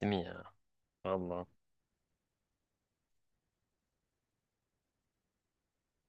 Değil mi ya? Valla.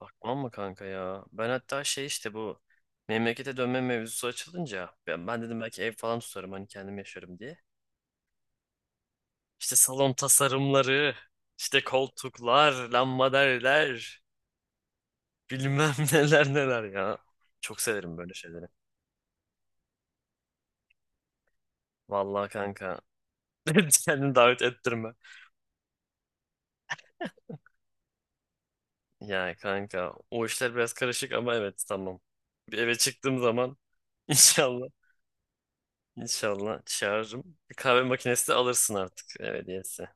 Bakmam mı kanka ya? Ben hatta şey işte bu memlekete dönme mevzusu açılınca ben dedim belki ev falan tutarım hani kendim yaşarım diye. İşte salon tasarımları, işte koltuklar, lambaderler, bilmem neler neler ya. Çok severim böyle şeyleri. Vallahi kanka. Kendini davet ettirme. Ya kanka o işler biraz karışık ama evet tamam. Bir eve çıktığım zaman inşallah İnşallah çağırırım. Bir kahve makinesi de alırsın artık ev hediyesi.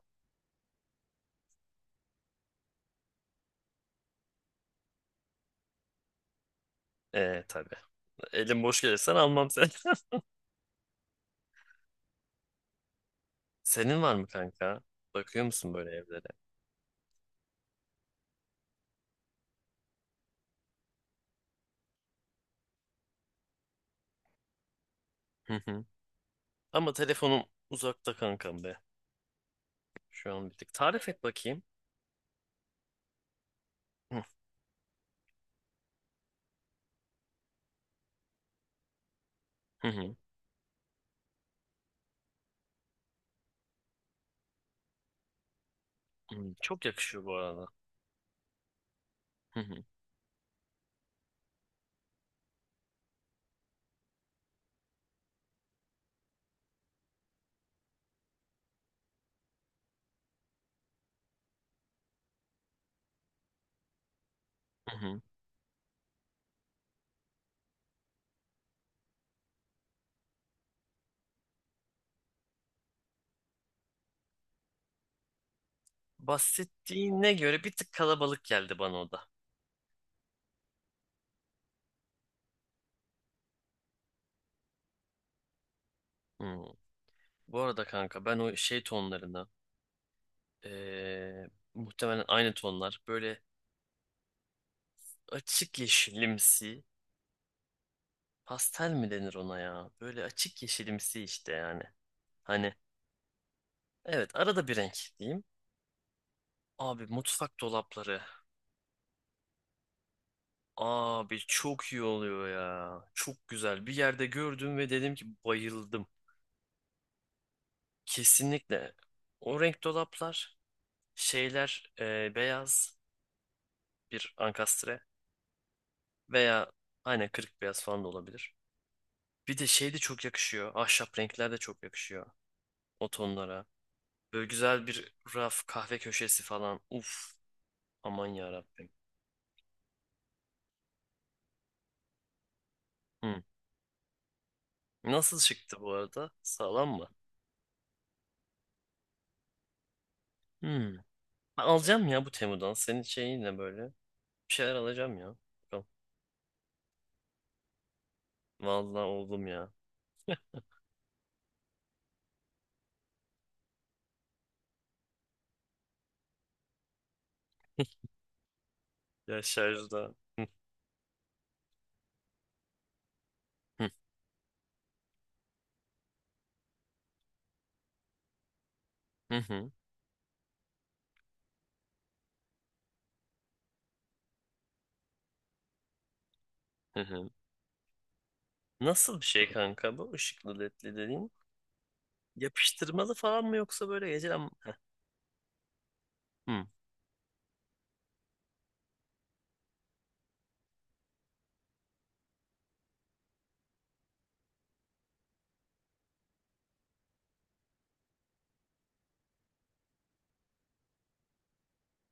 Tabii. Elim boş gelirsen almam seni. Senin var mı kanka? Bakıyor musun böyle evlere? Hı hı. Ama telefonum uzakta kankam be. Şu an bir tık. Tarif et bakayım. Hı hı. Hı. Hı, çok yakışıyor bu arada. Hı hı. Hı hı. Bahsettiğine göre bir tık kalabalık geldi bana o da. Hı. Bu arada kanka ben o şey tonlarına ee, muhtemelen aynı tonlar böyle açık yeşilimsi. Pastel mi denir ona ya? Böyle açık yeşilimsi işte yani. Hani evet arada bir renk diyeyim. Abi mutfak dolapları. Abi çok iyi oluyor ya. Çok güzel. Bir yerde gördüm ve dedim ki bayıldım. Kesinlikle. O renk dolaplar şeyler beyaz bir ankastre veya aynen kırık beyaz falan da olabilir. Bir de şey de çok yakışıyor. Ahşap renkler de çok yakışıyor o tonlara. Böyle güzel bir raf kahve köşesi falan. Uf. Aman ya Rabbim. Nasıl çıktı bu arada? Sağlam mı? Hmm. Ben alacağım ya bu Temu'dan. Senin şeyinle böyle. Bir şeyler alacağım ya. Bakalım. Vallahi oldum ya. Ya şarjda. Hı, hı, hı, hı, hı, hı. Nasıl bir şey kanka bu? Işıklı ledli dediğin. Yapıştırmalı falan mı yoksa böyle gece. Hmm.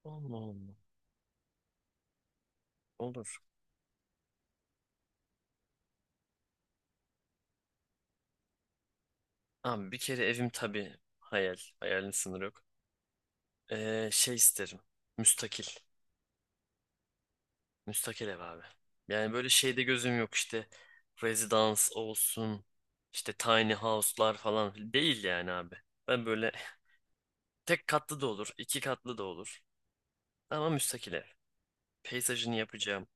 Allah Allah. Olur. Abi bir kere evim tabii hayal. Hayalin sınırı yok. Şey isterim. Müstakil. Müstakil ev abi. Yani böyle şeyde gözüm yok işte residence olsun işte tiny house'lar falan değil yani abi. Ben böyle tek katlı da olur, iki katlı da olur ama müstakil ev. Peyzajını yapacağım.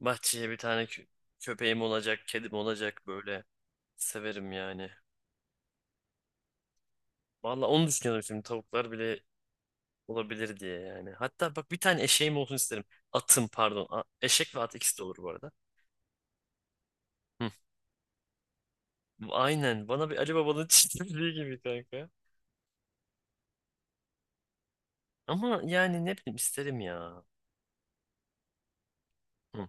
Bahçeye bir tane köpeğim olacak, kedim olacak böyle. Severim yani. Valla onu düşünüyorum şimdi tavuklar bile olabilir diye yani. Hatta bak bir tane eşeğim olsun isterim. Atım pardon. Eşek ve at ikisi de olur bu arada. Hı. Aynen. Bana bir Ali Baba'nın çizdiği gibi kanka. Ama yani ne bileyim isterim ya. Hı,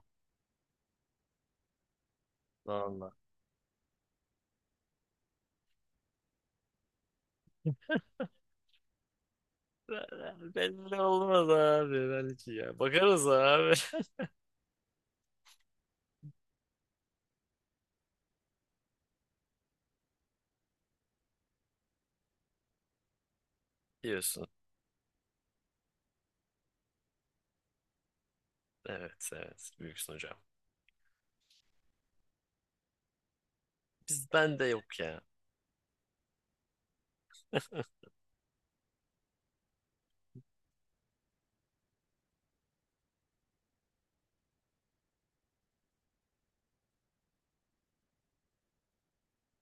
valla. Be- Belli olmaz abi belki ya. Bakarız abi. Diyorsun. Evet evet büyüksün hocam. Biz bende yok ya.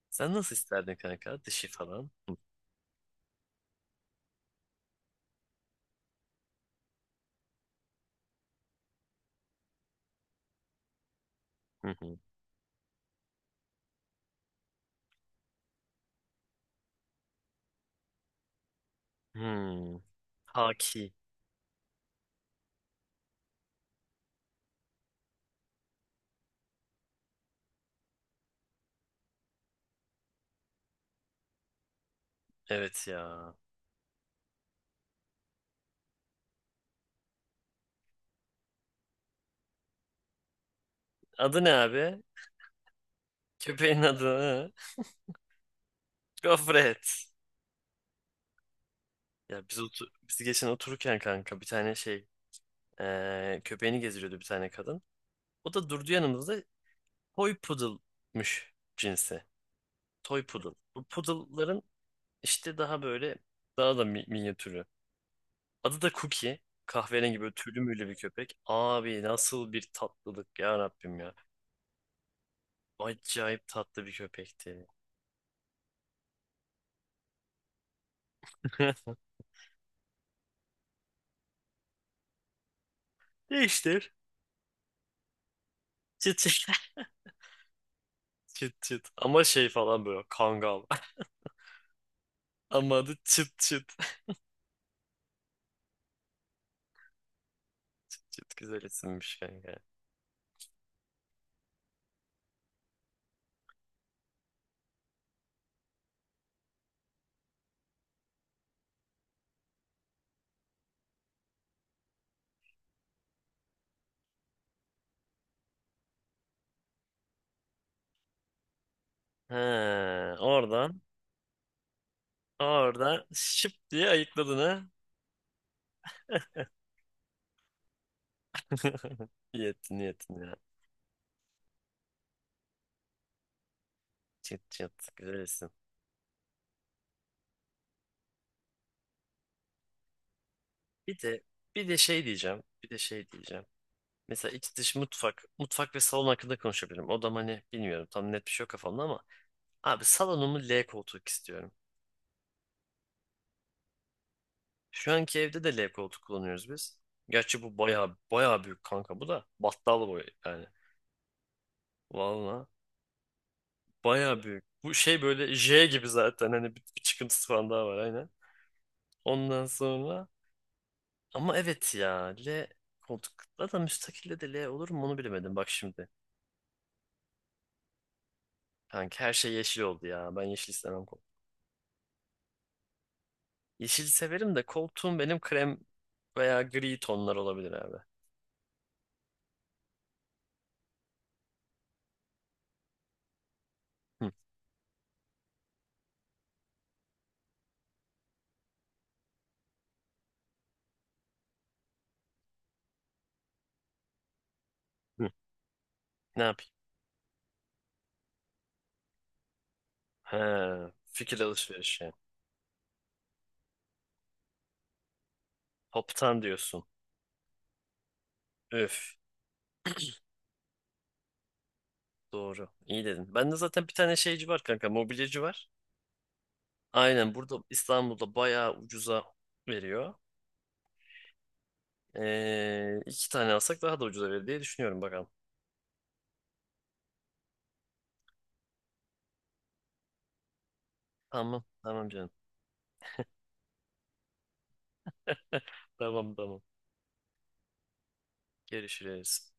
Sen nasıl isterdin kanka? Dişi falan. Hı hı. Hmm. Haki. Evet ya. Adı ne abi? Köpeğin adı. Hı? Gofret. Ya biz geçen otururken kanka bir tane şey köpeğini gezdiriyordu bir tane kadın. O da durdu yanımızda. Toy poodle'mış cinsi. Toy Poodle. Bu poodle'ların işte daha böyle daha da minyatürü. Adı da Cookie. Kahverengi böyle tüylü müylü bir köpek. Abi nasıl bir tatlılık ya Rabbim ya. Acayip tatlı bir köpekti. Değiştir. Çıt çıt. Çıt çıt. Ama şey falan böyle kangal. Ama adı çıt çıt. Çıt çıt güzel isimmiş kanka. He, oradan oradan şıp diye ayıkladın ha. İyi ettin iyi ettin ya. Çıt çıt güzel isim. Bir de bir de şey diyeceğim. Bir de şey diyeceğim. Mesela iç dış mutfak ve salon hakkında konuşabilirim. Odam hani bilmiyorum tam net bir şey yok kafamda ama abi salonumu L koltuk istiyorum. Şu anki evde de L koltuk kullanıyoruz biz. Gerçi bu baya baya büyük kanka bu da battal boy yani. Valla baya büyük. Bu şey böyle J gibi zaten hani bir çıkıntısı falan daha var aynen. Ondan sonra ama evet ya L koltuk da müstakilde de L olur mu onu bilemedim bak şimdi. Kanka her şey yeşil oldu ya. Ben yeşil istemem. Yeşili severim de koltuğum benim krem veya gri tonlar olabilir abi. Hı, hı. Ne yapayım? He, fikir alışverişi. Toptan diyorsun. Üf. Doğru. İyi dedin. Bende zaten bir tane şeyci var kanka. Mobilyacı var. Aynen burada İstanbul'da bayağı ucuza veriyor. İki tane alsak daha da ucuza verir diye düşünüyorum bakalım. Tamam. Tamam canım. Tamam tamam. Görüşürüz.